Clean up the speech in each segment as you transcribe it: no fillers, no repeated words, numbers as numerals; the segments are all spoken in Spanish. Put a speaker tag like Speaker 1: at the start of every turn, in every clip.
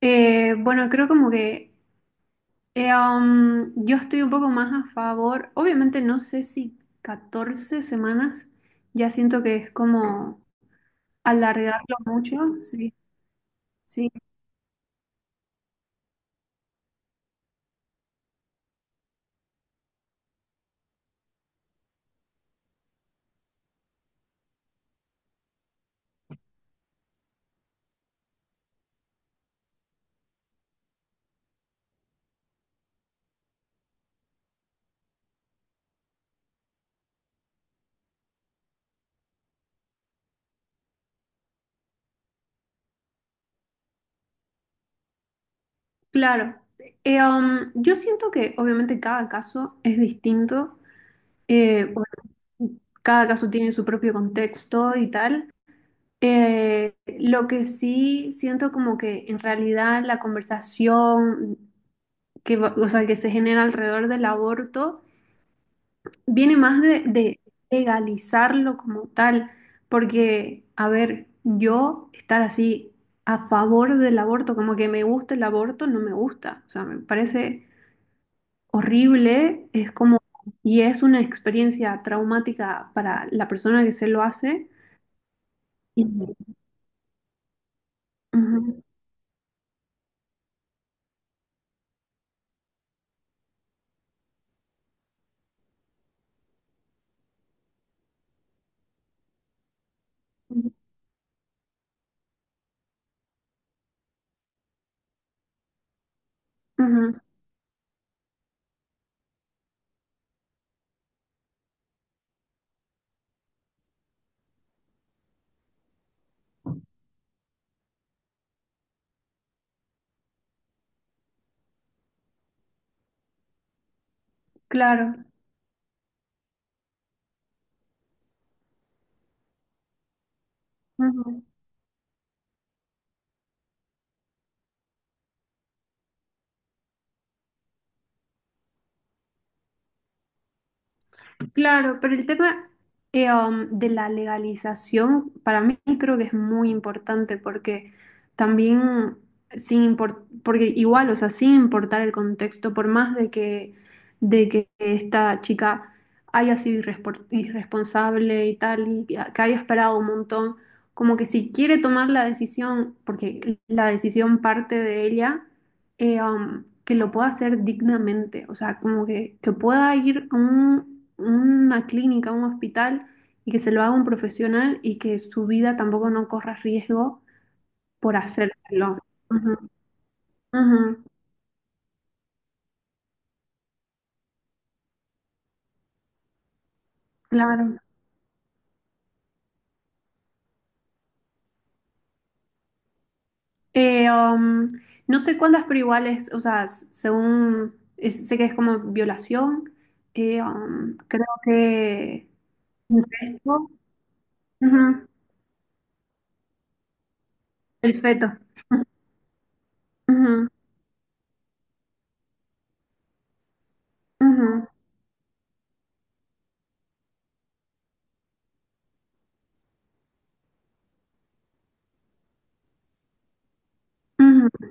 Speaker 1: Bueno, Creo como que yo estoy un poco más a favor. Obviamente no sé si 14 semanas, ya siento que es como alargarlo mucho. Sí, sí, claro. Yo siento que obviamente cada caso es distinto. Eh, bueno, Cada caso tiene su propio contexto y tal. Lo que sí siento como que en realidad la conversación o sea, que se genera alrededor del aborto viene más de legalizarlo como tal, porque, a ver, yo estar así a favor del aborto, como que me gusta el aborto, no me gusta, o sea, me parece horrible, es como, y es una experiencia traumática para la persona que se lo hace. Y- Ujú, ujú, claro. Ujú. Claro, pero el tema de la legalización para mí creo que es muy importante porque también sin import- porque igual, o sea, sin importar el contexto, por más de que esta chica haya sido irresponsable y tal, y que haya esperado un montón, como que si quiere tomar la decisión, porque la decisión parte de ella, que lo pueda hacer dignamente, o sea, como que pueda ir a una clínica, a un hospital y que se lo haga un profesional y que su vida tampoco no corra riesgo por hacérselo. Ujú, ujú, claro. Eh, um, no sé cuántas, pero igual es, o sea, según, sé que es como violación, creo que incesto, ujú, el feto. Ujú, ujú, ujú.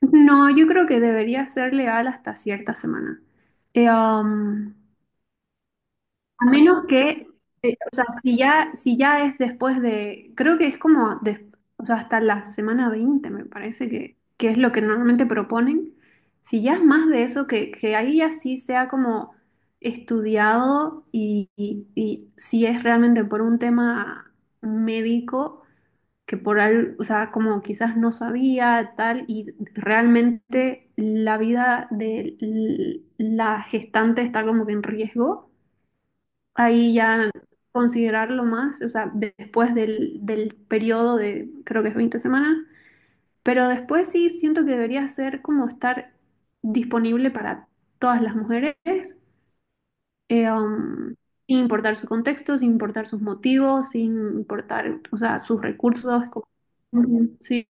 Speaker 1: No, yo creo que debería ser legal hasta cierta semana. Eh, um, a menos o sea, si ya es después de, creo que es como o sea, hasta la semana 20 me parece que es lo que normalmente proponen. Si ya es más de eso, que ahí ya sí sea como estudiado y si es realmente por un tema médico que por algo, o sea, como quizás no sabía tal, y realmente la vida de la gestante está como que en riesgo, ahí ya considerarlo más, o sea, después del periodo de, creo que es 20 semanas, pero después sí siento que debería ser como estar disponible para todas las mujeres, eh, um, sin importar su contexto, sin importar sus motivos, sin importar, o sea, sus recursos. Ujú. Sí.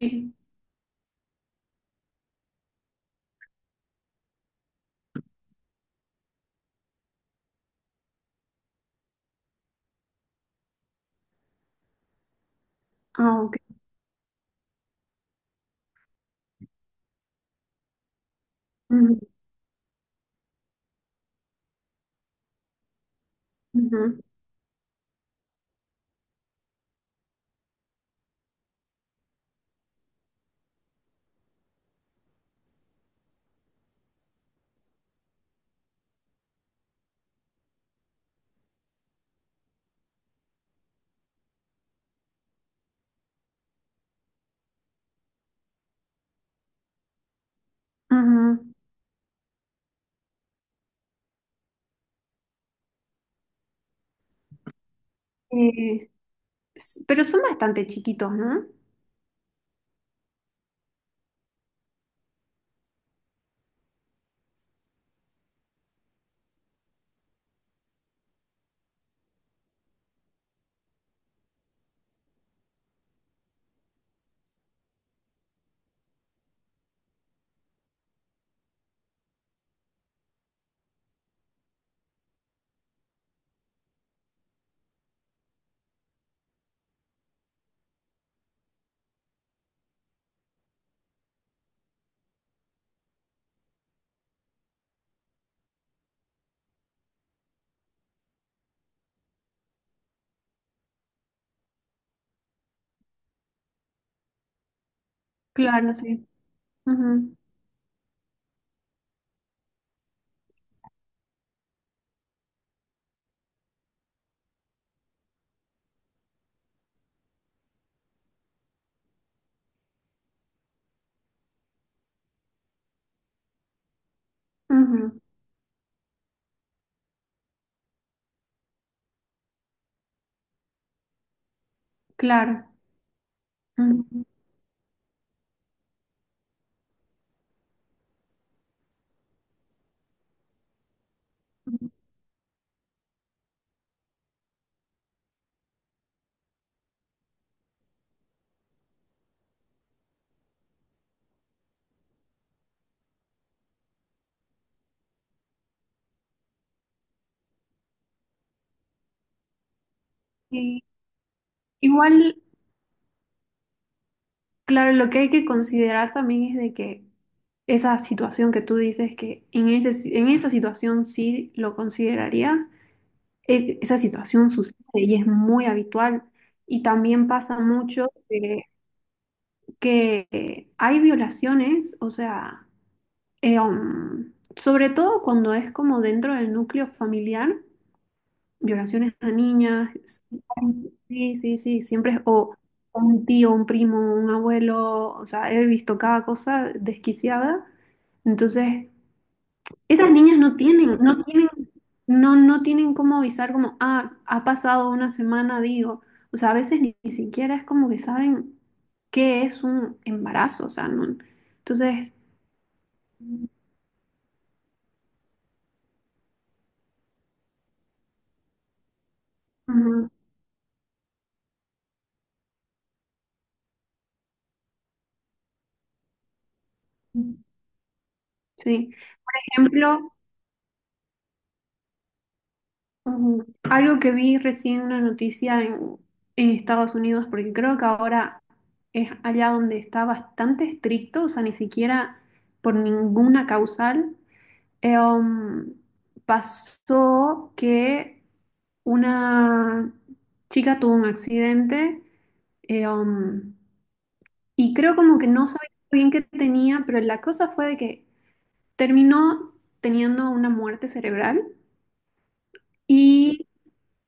Speaker 1: Ah, ok. Ujú, ujú, ujú. Eh, ¿Pero son bastante chiquitos, no? Claro, sí. Ujú, ujú. Claro. Ujú, ujú. Sí. Igual, claro, lo que hay que considerar también es de que esa situación que tú dices que en esa situación sí lo considerarías, esa situación sucede y es muy habitual. Y también pasa mucho, que hay violaciones, o sea... Sobre todo cuando es como dentro del núcleo familiar, violaciones a niñas, sí, sí, sí, siempre es o un tío, un primo, un abuelo, o sea, he visto cada cosa desquiciada. Entonces, esas niñas no tienen cómo avisar como, ah, ha pasado una semana, digo. O sea, a veces ni siquiera es como que saben qué es un embarazo, o sea, no. Entonces, ujú, sí. Ejemplo, algo que vi recién una noticia en Estados Unidos, porque creo que ahora es allá donde está bastante estricto, o sea, ni siquiera por ninguna causal, eh, um, pasó que una chica tuvo un accidente, eh, um, y creo como que no sabía bien qué tenía, pero la cosa fue de que terminó teniendo una muerte cerebral. Y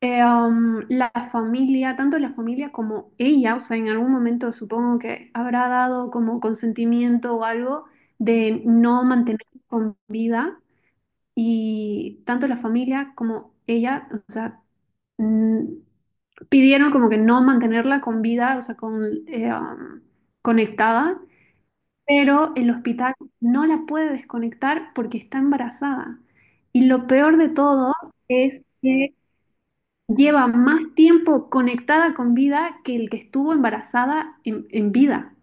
Speaker 1: La familia, tanto la familia como ella, o sea, en algún momento supongo que habrá dado como consentimiento o algo de no mantener con vida, y tanto la familia como ella, o sea, mm, pidieron como que no mantenerla con vida, o sea, con, conectada, pero el hospital no la puede desconectar porque está embarazada. Y lo peor de todo es que lleva más tiempo conectada con vida que el que estuvo embarazada en vida.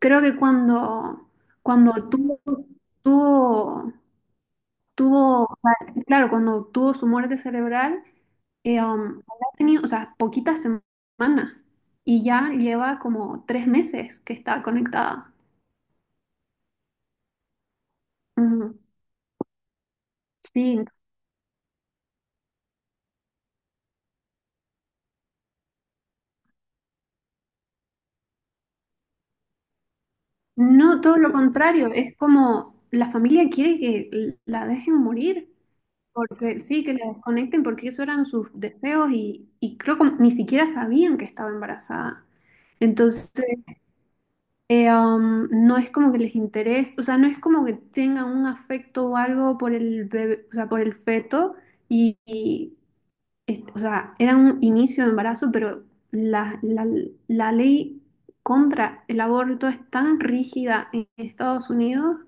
Speaker 1: Creo que cuando tuvo, tuvo, claro, cuando tuvo su muerte cerebral, habrá tenido, o sea, poquitas semanas y ya lleva como 3 meses que está conectada. Ujú. Sí, no, todo lo contrario, es como la familia quiere que la dejen morir. Porque sí, que la desconecten porque esos eran sus deseos y creo que ni siquiera sabían que estaba embarazada. Entonces, no es como que les interese, o sea, no es como que tengan un afecto o algo por el bebé, o sea, por el feto, y, y, o sea, era un inicio de embarazo, pero la, la, la ley contra el aborto es tan rígida en Estados Unidos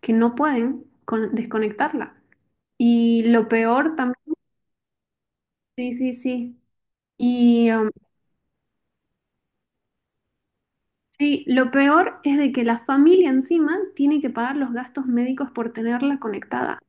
Speaker 1: que no pueden desconectarla. Y lo peor también. Sí, sí, sí. Y um, sí, lo peor es de que la familia encima tiene que pagar los gastos médicos por tenerla conectada.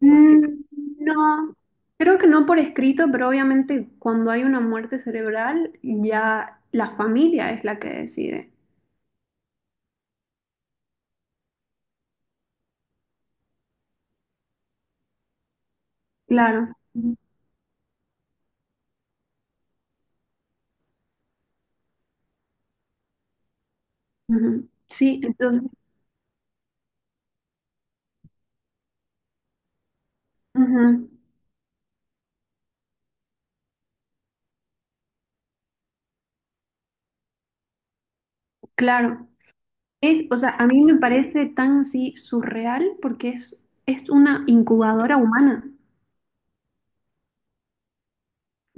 Speaker 1: Mm, No, creo que no por escrito, pero obviamente cuando hay una muerte cerebral ya la familia es la que decide. Claro. Ujú. Sí, entonces, ujú. Claro. O sea, a mí me parece tan así surreal porque es una incubadora humana.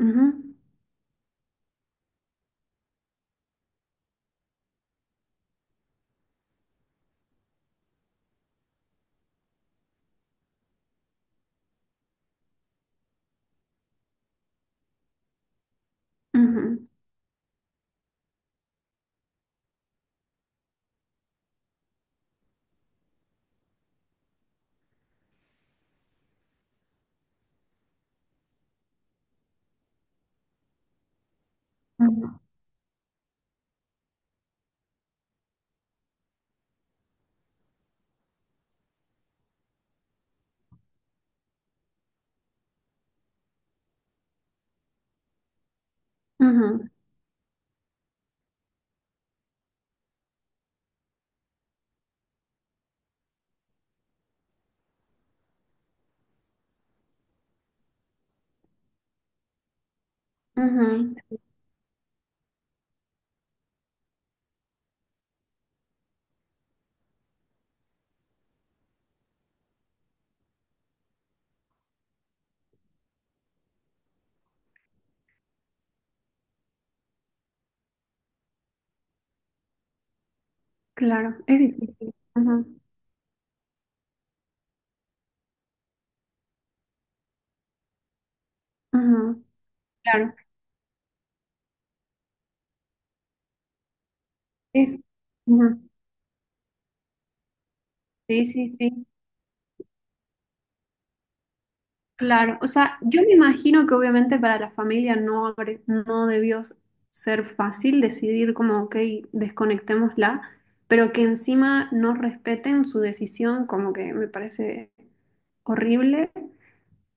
Speaker 1: Ujú, ujú, ujú, ujú. Ujú. Claro, es difícil. Ujú, ujú. Claro, es. Ujú. Sí, sí, sí. Claro, o sea, yo me imagino que obviamente para la familia no, no debió ser fácil decidir como, ok, desconectémosla, pero que encima no respeten su decisión, como que me parece horrible.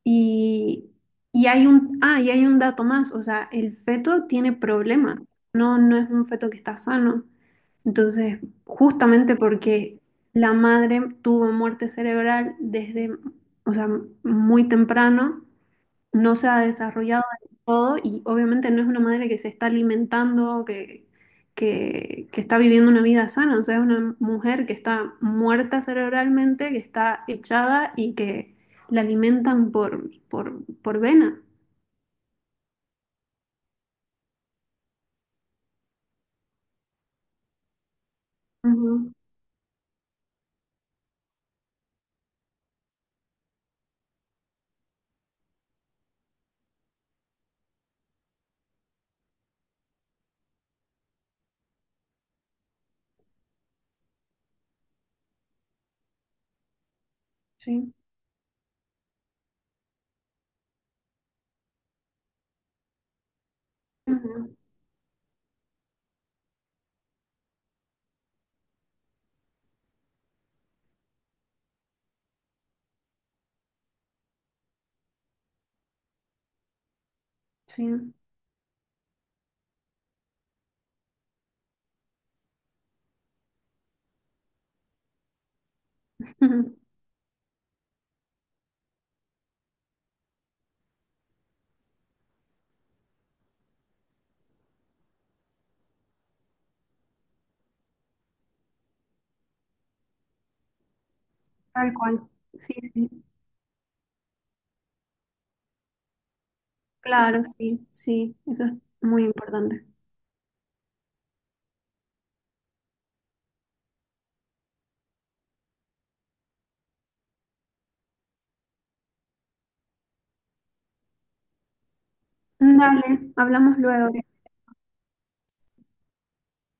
Speaker 1: Y, y hay un dato más, o sea, el feto tiene problemas, no, no es un feto que está sano. Entonces, justamente porque la madre tuvo muerte cerebral desde, o sea, muy temprano, no se ha desarrollado del todo y obviamente no es una madre que se está alimentando, que está viviendo una vida sana, o sea, es una mujer que está muerta cerebralmente, que está echada y que la alimentan por vena. Ujú. Sí, ujú, sí, ujú. Tal cual. Sí, sí, claro, sí, sí, eso es muy importante. Dale, hablamos luego.